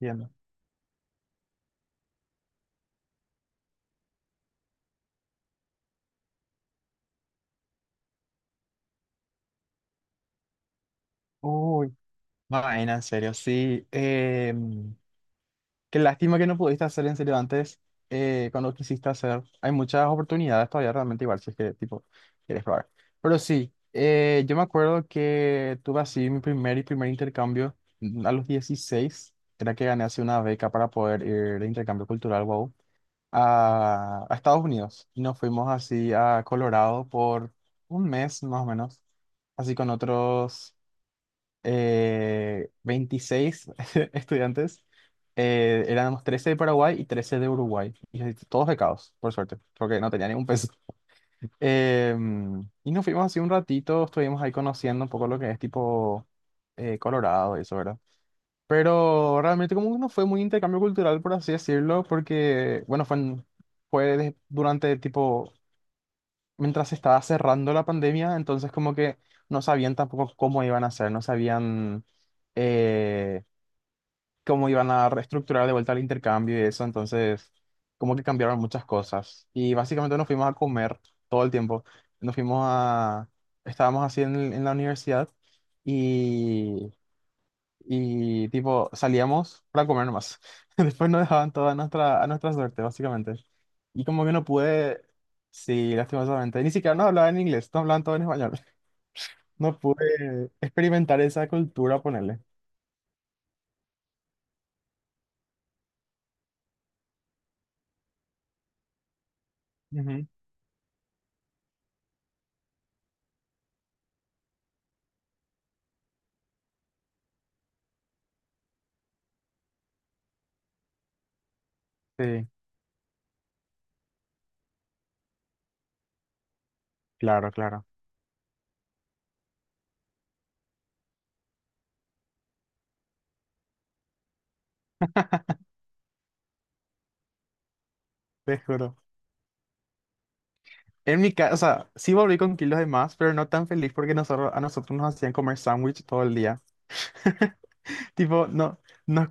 Entiendo. Uy, vaina, en serio, sí. em, Qué lástima que no pudiste hacer en serio antes, cuando quisiste hacer. Hay muchas oportunidades todavía realmente igual, si es que tipo quieres probar. Pero sí, yo me acuerdo que tuve así mi primer intercambio a los 16. Era que gané así una beca para poder ir de intercambio cultural, wow, a Estados Unidos. Y nos fuimos así a Colorado por un mes más o menos, así con otros 26 estudiantes. Éramos 13 de Paraguay y 13 de Uruguay, y todos becados, por suerte, porque no tenía ningún peso. Y nos fuimos así un ratito, estuvimos ahí conociendo un poco lo que es tipo Colorado y eso, ¿verdad? Pero realmente como que no fue muy intercambio cultural, por así decirlo, porque, bueno, fue, en- fue de- durante tipo mientras se estaba cerrando la pandemia, entonces como que no sabían tampoco cómo iban a hacer, no sabían eh, cómo iban a reestructurar de vuelta el intercambio y eso. Entonces como que cambiaron muchas cosas. Y básicamente nos fuimos a comer todo el tiempo, nos fuimos a, estábamos así en la universidad y tipo salíamos para comer nomás. Después nos dejaban a nuestra suerte, básicamente. Y como que no pude, sí, lastimosamente, ni siquiera no hablaban en inglés, no hablaban todo en español. No pude experimentar esa cultura, ponerle. Ujú. Sí, claro, claro, te juro. En mi casa, o sea, sí volví con kilos de más, pero no tan feliz porque nosotros, a nosotros nos hacían comer sándwich todo el día. Tipo, no, nos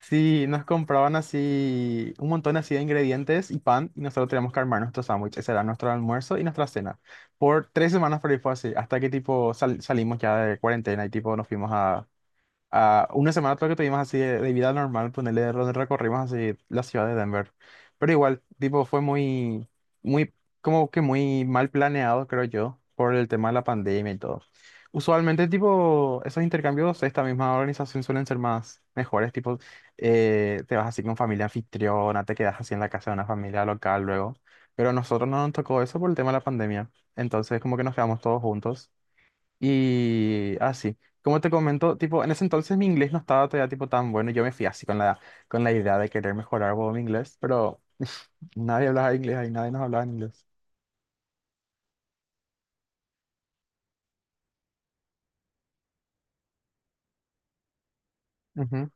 Sí, nos compraban así un montón así de ingredientes y pan, y nosotros teníamos que armar nuestro sándwich. Ese era nuestro almuerzo y nuestra cena. Por 3 semanas por ahí fue así, hasta que tipo salimos ya de cuarentena y tipo ah, una semana creo que tuvimos así de vida normal, ponerle, donde recorrimos así la ciudad de Denver. Pero igual, tipo, fue muy, muy, como que muy mal planeado, creo yo, por el tema de la pandemia y todo. Usualmente, tipo, esos intercambios, esta misma organización, suelen ser más mejores, tipo, te vas así con familia anfitriona, te quedas así en la casa de una familia local luego. Pero a nosotros no nos tocó eso por el tema de la pandemia. Entonces, como que nos quedamos todos juntos. Y así, como te comento, tipo, en ese entonces mi inglés no estaba todavía tipo tan bueno, yo me fui así con la idea de querer mejorar, huevón, mi inglés, pero nadie hablaba inglés ahí, nadie nos hablaba en inglés. Ujú.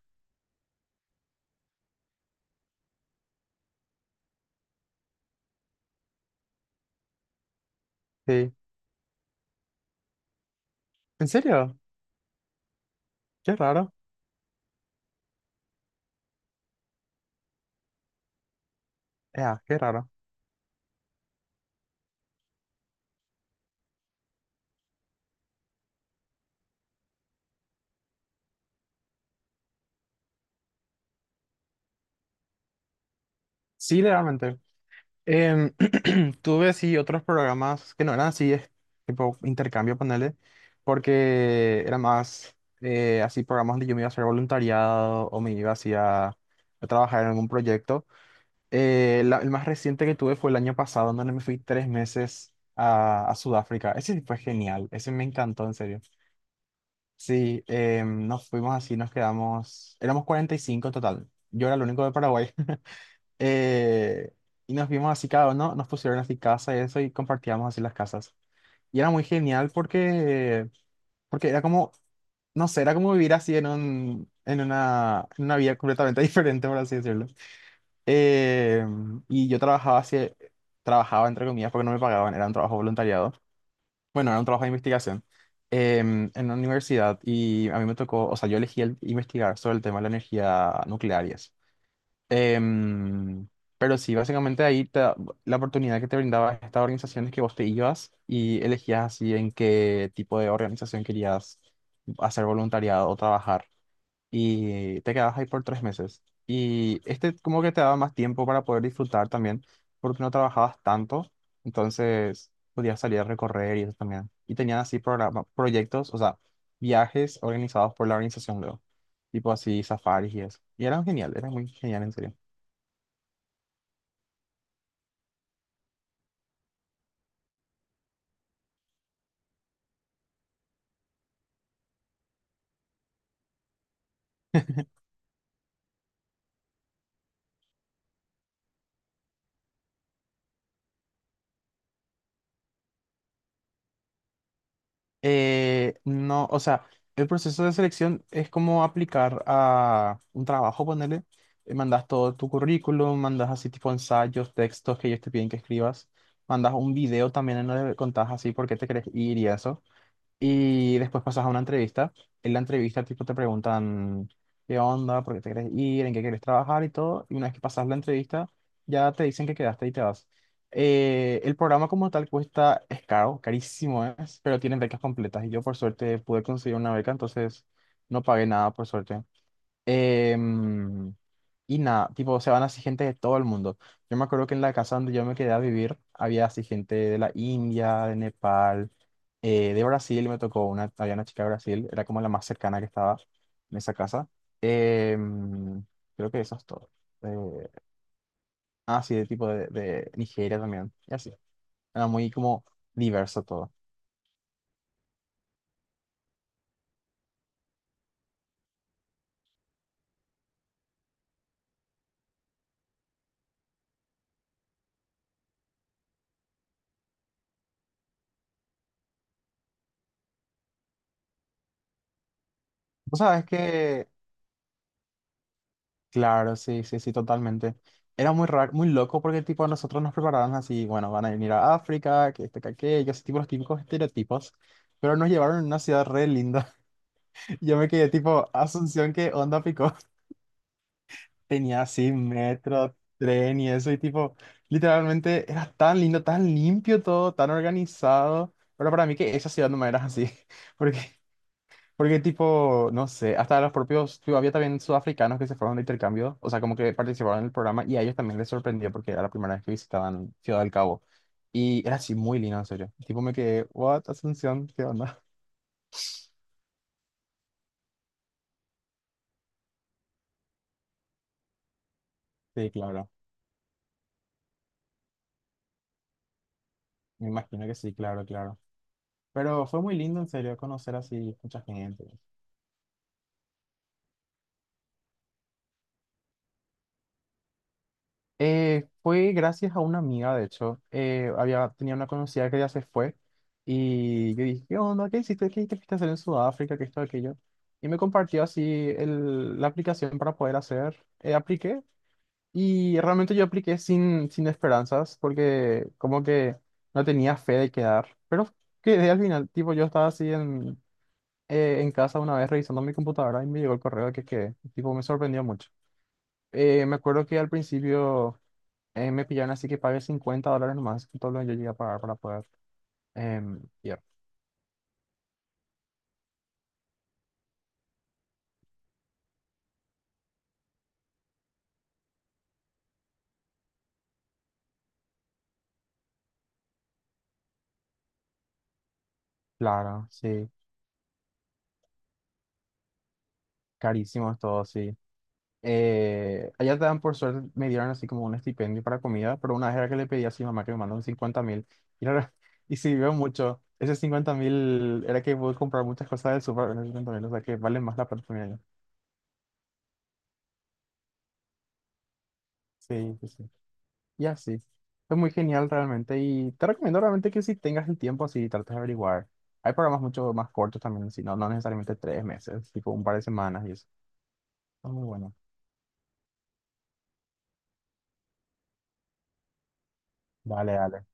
Sí. ¿En serio? Qué raro. Ya, qué raro. Sí, realmente. Em, tuve así otros programas que no eran así, es tipo intercambio, ponerle, porque era más así programas donde yo me iba a hacer voluntariado o me iba así a trabajar en algún proyecto. El más reciente que tuve fue el año pasado, donde me fui 3 meses a Sudáfrica. Ese sí fue genial, ese me encantó, en serio. Sí, nos fuimos así, nos quedamos, éramos 45 en total. Yo era el único de Paraguay. Eh, y nos vimos así cada uno, nos pusieron así casa y eso, y compartíamos así las casas. Y era muy genial porque, porque era como, no sé, era como vivir así en una vida completamente diferente, por así decirlo. Eh, y yo trabajaba así, trabajaba entre comillas porque no me pagaban, era un trabajo voluntariado. Bueno, era un trabajo de investigación en una universidad, y a mí me tocó, o sea, yo elegí investigar sobre el tema de la energía nuclear y eso. Em, pero sí, básicamente ahí la oportunidad que te brindaba esta organización es que vos te ibas y elegías así en qué tipo de organización querías hacer voluntariado o trabajar, y te quedabas ahí por 3 meses. Y este como que te daba más tiempo para poder disfrutar también, porque no trabajabas tanto, entonces podías salir a recorrer y eso también. Y tenían así programa, proyectos, o sea, viajes organizados por la organización luego, tipo así, safaris y eso. Y eran genial, eran muy genial, en serio. No, o sea, el proceso de selección es como aplicar a un trabajo, ponele. Mandas todo tu currículum, mandas así tipo ensayos, textos que ellos te piden que escribas. Mandas un video también, en donde contás así por qué te querés ir y eso. Y después pasas a una entrevista. En la entrevista, tipo, te preguntan qué onda, por qué te quieres ir, en qué quieres trabajar y todo. Y una vez que pasas la entrevista, ya te dicen que quedaste y te vas. El programa como tal cuesta, es caro, carísimo es, pero tienen becas completas. Y yo, por suerte, pude conseguir una beca, entonces no pagué nada, por suerte. Em, y nada, tipo, se van así gente de todo el mundo. Yo me acuerdo que en la casa donde yo me quedé a vivir había así gente de la India, de Nepal, de Brasil. Me tocó una, había una chica de Brasil, era como la más cercana que estaba en esa casa. Em, Creo que eso es todo. Eh, ah, sí, de tipo de Nigeria también, y así. Era muy como diverso todo. ¿Vos sabés que? Claro, sí, sí, sí, totalmente. Era muy raro, muy loco, porque tipo nosotros nos prepararon así, bueno, van a venir a África, que este, que aquello, así tipo los típicos estereotipos, pero nos llevaron a una ciudad re linda. Yo me quedé tipo, Asunción, ¿qué onda, pico? Tenía así metro, tren y eso, y tipo, literalmente era tan lindo, tan limpio todo, tan organizado, pero para mí que esa ciudad no me era así, porque porque tipo, no sé, hasta los propios, tipo, había también sudafricanos que se fueron de intercambio, o sea, como que participaron en el programa, y a ellos también les sorprendió porque era la primera vez que visitaban Ciudad del Cabo. Y era así muy lindo, en serio. Tipo, me quedé, what, Asunción, ¿qué onda? Sí, claro, me imagino que sí, claro, claro. Pero fue muy lindo, en serio, conocer así mucha gente. Fue gracias a una amiga, de hecho. Tenía una conocida que ya se fue, y yo dije, ¿qué onda? ¿Qué hiciste? ¿Qué te fuiste a hacer en Sudáfrica? ¿Qué esto, aquello? Y me compartió así la aplicación para poder hacer. Apliqué, y realmente yo apliqué sin esperanzas, porque como que no tenía fe de quedar. Pero quedé al final. Tipo, yo estaba así en casa una vez revisando mi computadora, y me llegó el correo de que quedé. Tipo, me sorprendió mucho. Me acuerdo que al principio me pillaron así, que pagué $50 nomás, que todo lo que yo llegué a pagar para poder ir. Claro, sí, carísimo es todo, sí. Allá te dan, por suerte, me dieron así como un estipendio para comida, pero una vez era que le pedí a mi mamá que me mandó un 50.000. Y, y sirvió mucho. Ese 50.000 era que pude comprar muchas cosas del súper con esos 50 mil, o sea que vale más la plata, que me dieron. Sí, sí, sí. Y así. Es muy genial, realmente. Y te recomiendo realmente que si tengas el tiempo así, trates de averiguar. Hay programas mucho más cortos también, si no, no necesariamente 3 meses, tipo un par de semanas y eso. Está muy bueno. Dale, dale.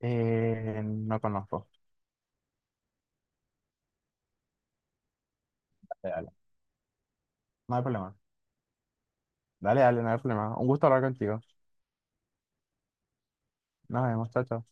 No conozco. Dale, dale. No hay problema. Dale, dale, no hay problema. Un gusto hablar contigo. Nos vemos, chao, chao.